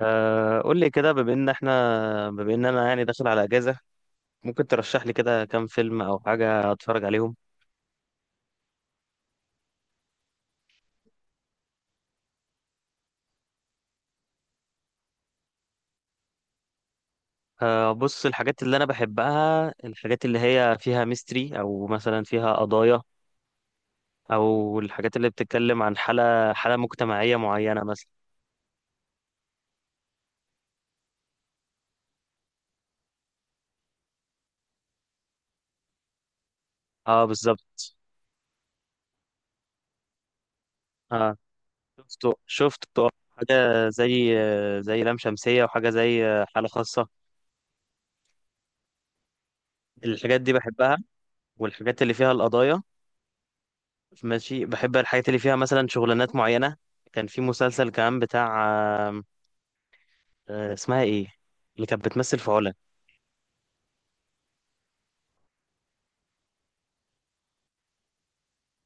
قول لي كده، بما ان انا يعني داخل على اجازه. ممكن ترشح لي كده كام فيلم او حاجه اتفرج عليهم. بص، الحاجات اللي انا بحبها، الحاجات اللي هي فيها ميستري، او مثلا فيها قضايا، او الحاجات اللي بتتكلم عن حاله مجتمعيه معينه مثلا. اه بالظبط. اه، شفته شفته. حاجه زي لام شمسيه، وحاجه زي حاله خاصه. الحاجات دي بحبها، والحاجات اللي فيها القضايا. ماشي، بحب الحاجات اللي فيها مثلا شغلانات معينة. كان في مسلسل كمان بتاع، آم، اسمها ايه، اللي كانت بتمثل في علا.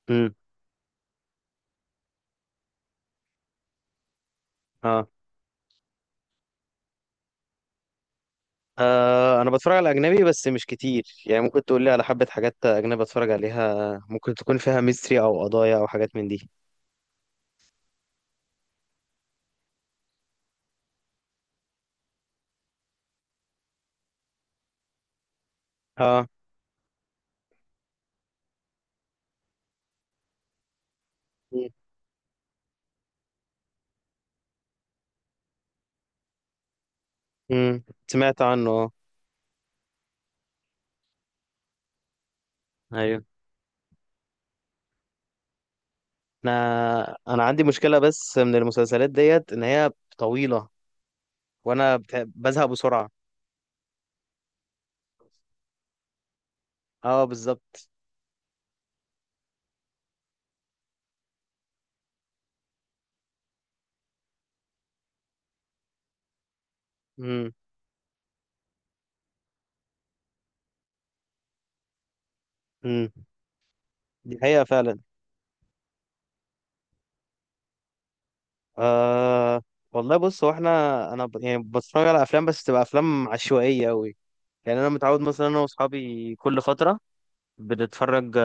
امم. اه. انا بتفرج على اجنبي بس مش كتير، يعني ممكن تقول لي على حبة حاجات اجنبي اتفرج عليها، ممكن تكون فيها ميستري او قضايا او حاجات من دي. اه. مم. مم. سمعت عنه اه. ايوه. انا عندي مشكلة بس من المسلسلات ديت ان هي طويلة، وانا بزهق بسرعة. اه بالظبط. امم. امم. دي حقيقة فعلا. آه والله بص، هو احنا، يعني بتفرج على افلام بس تبقى افلام عشوائيه قوي. يعني انا متعود مثلا، انا واصحابي كل فتره بنتفرج،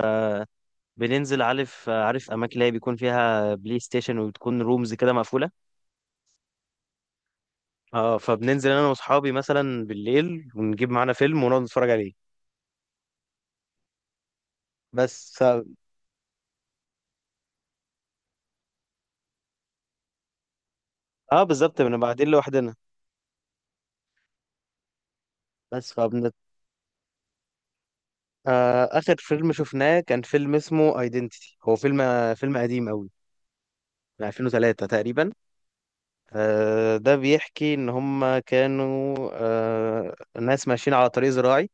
بننزل، عارف اماكن اللي هي بيكون فيها بلاي ستيشن وبتكون رومز كده مقفوله. اه، فبننزل انا واصحابي مثلا بالليل ونجيب معانا فيلم ونقعد نتفرج عليه. بس ف... اه بالظبط، بنبقى قاعدين لوحدنا. بس فبنت... اخر فيلم شفناه كان فيلم اسمه ايدنتيتي، هو فيلم قديم قوي، من 2003 تقريبا. ده بيحكي إن هم كانوا، ناس ماشيين على طريق زراعي،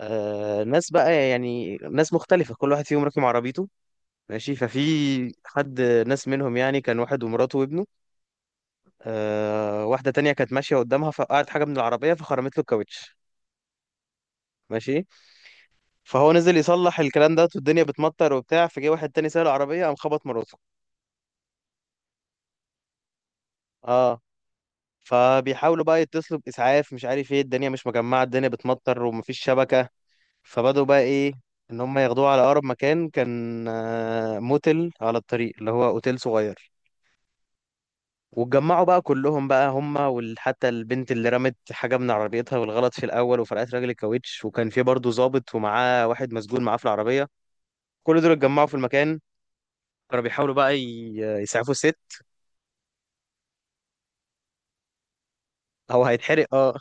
ناس بقى يعني ناس مختلفة، كل واحد فيهم راكب عربيته. ماشي، ففي حد، ناس منهم يعني كان واحد ومراته وابنه. واحدة تانية كانت ماشية قدامها فوقعت حاجة من العربية فخرمت له الكاوتش. ماشي. فهو نزل يصلح الكلام ده والدنيا بتمطر وبتاع، فجه واحد تاني سايق العربية قام خبط مراته. اه. فبيحاولوا بقى يتصلوا بإسعاف، مش عارف ايه، الدنيا مش مجمعة، الدنيا بتمطر ومفيش شبكة. فبدأوا بقى ايه، ان هم ياخدوه على اقرب مكان، كان موتل على الطريق اللي هو اوتيل صغير. واتجمعوا بقى كلهم بقى، هم وحتى البنت اللي رمت حاجة من عربيتها والغلط في الأول وفرقت راجل الكاوتش، وكان في برضه ضابط ومعاه واحد مسجون معاه في العربية. كل دول اتجمعوا في المكان. كانوا بيحاولوا بقى يسعفوا الست. هو هيتحرق اه.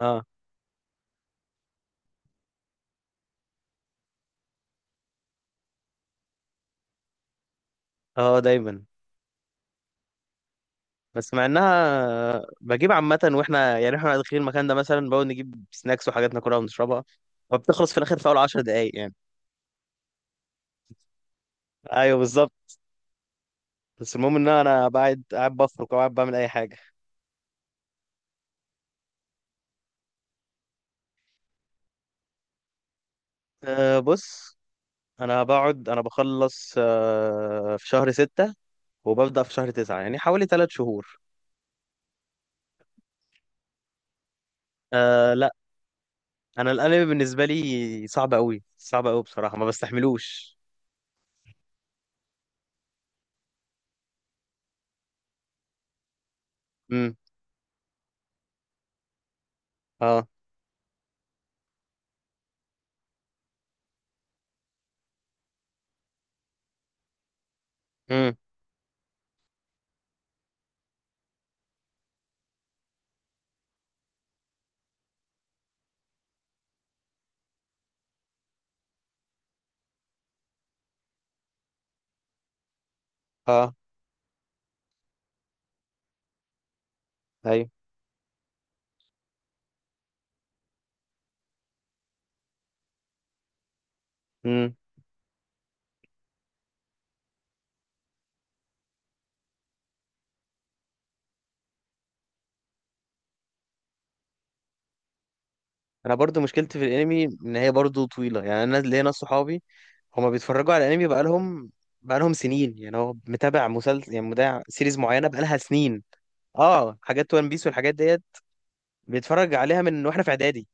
اه. اه دايما. بس مع انها، بجيب عامة، واحنا يعني احنا داخلين المكان ده مثلا بقول نجيب سناكس وحاجات ناكلها ونشربها، فبتخلص في الآخر في أول عشر دقايق يعني. ايوه بالظبط. بس المهم ان انا قاعد بفرك، او قاعد بعمل اي حاجه. بص، انا بخلص في شهر ستة، وببدأ في شهر تسعة، يعني حوالي ثلاث شهور. أه لا. انا الانمي بالنسبه لي صعب قوي، صعب قوي بصراحه، ما بستحملوش. امم. اه. امم. اه. ايوه. امم. انا برضو مشكلتي في الانمي ان هي برضو طويله. يعني انا ليا ناس صحابي هما بيتفرجوا على الانمي، بقالهم سنين، يعني هو متابع مسلسل، يعني متابع سيريز معينه بقالها سنين. اه، حاجات وان بيس والحاجات ديت بيتفرج عليها من واحنا في اعدادي.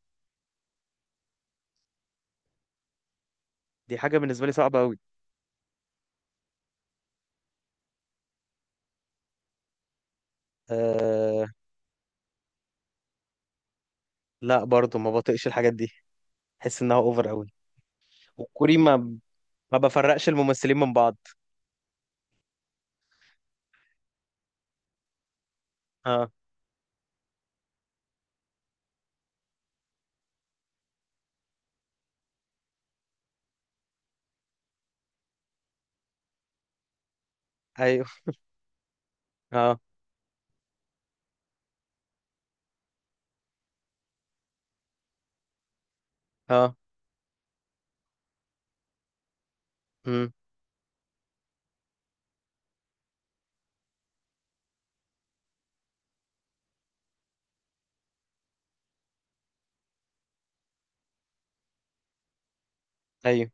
دي حاجه بالنسبه لي صعبه قوي. آه لا برضو ما بطيقش الحاجات دي، احس انها اوفر قوي. والكوري، ما بفرقش الممثلين من بعض. اه. ايوه. اه. اه. امم. ايوه.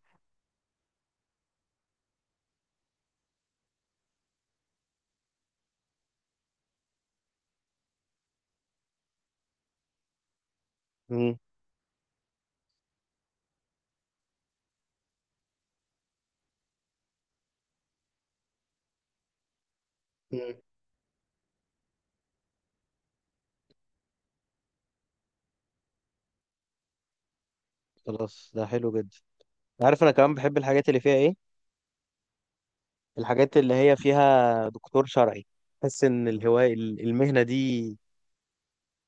امم. امم. خلاص ده حلو جدا. عارف، انا كمان بحب الحاجات اللي فيها ايه، الحاجات اللي هي فيها دكتور شرعي. بحس ان الهوايه، المهنه دي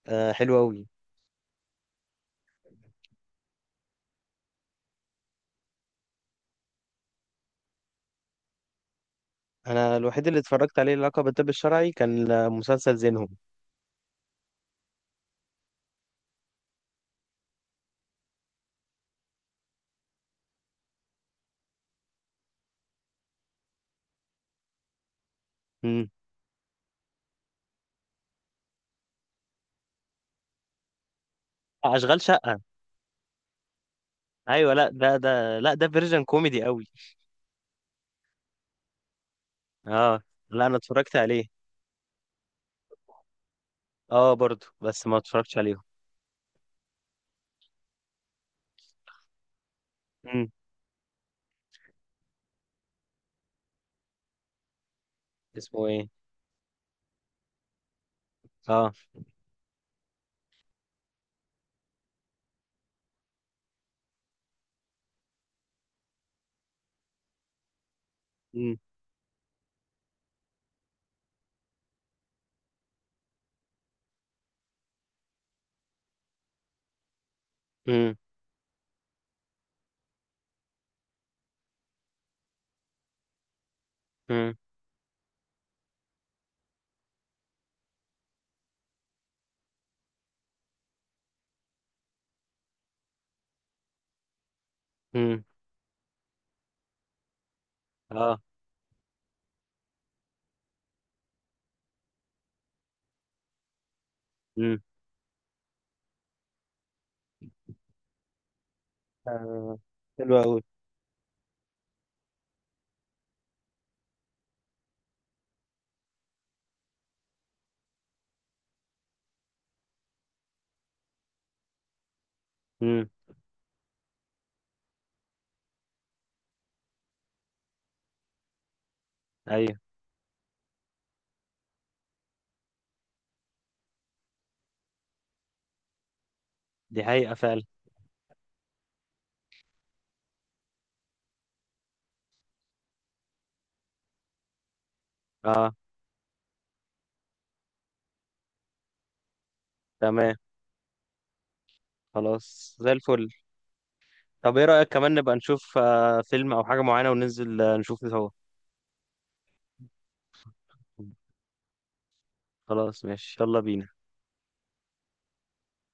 حلوه قوي. انا الوحيد اللي اتفرجت عليه لقب الطب الشرعي كان مسلسل زينهم. اشغال شقه. ايوه. لا ده، ده لا ده فيرجن كوميدي قوي. اه. لا انا اتفرجت عليه. اه برضو، بس ما اتفرجتش عليهم. امم اسمه ايه؟ اه. امم. امم. امم. امم. اه. امم. آه. حلو قوي. امم. ايوه. دي حقيقه فعلا. اه تمام. خلاص زي الفل. طب ايه رايك كمان نبقى نشوف فيلم او حاجه معينه، وننزل نشوف سوا. خلاص ماشي، يلا بينا.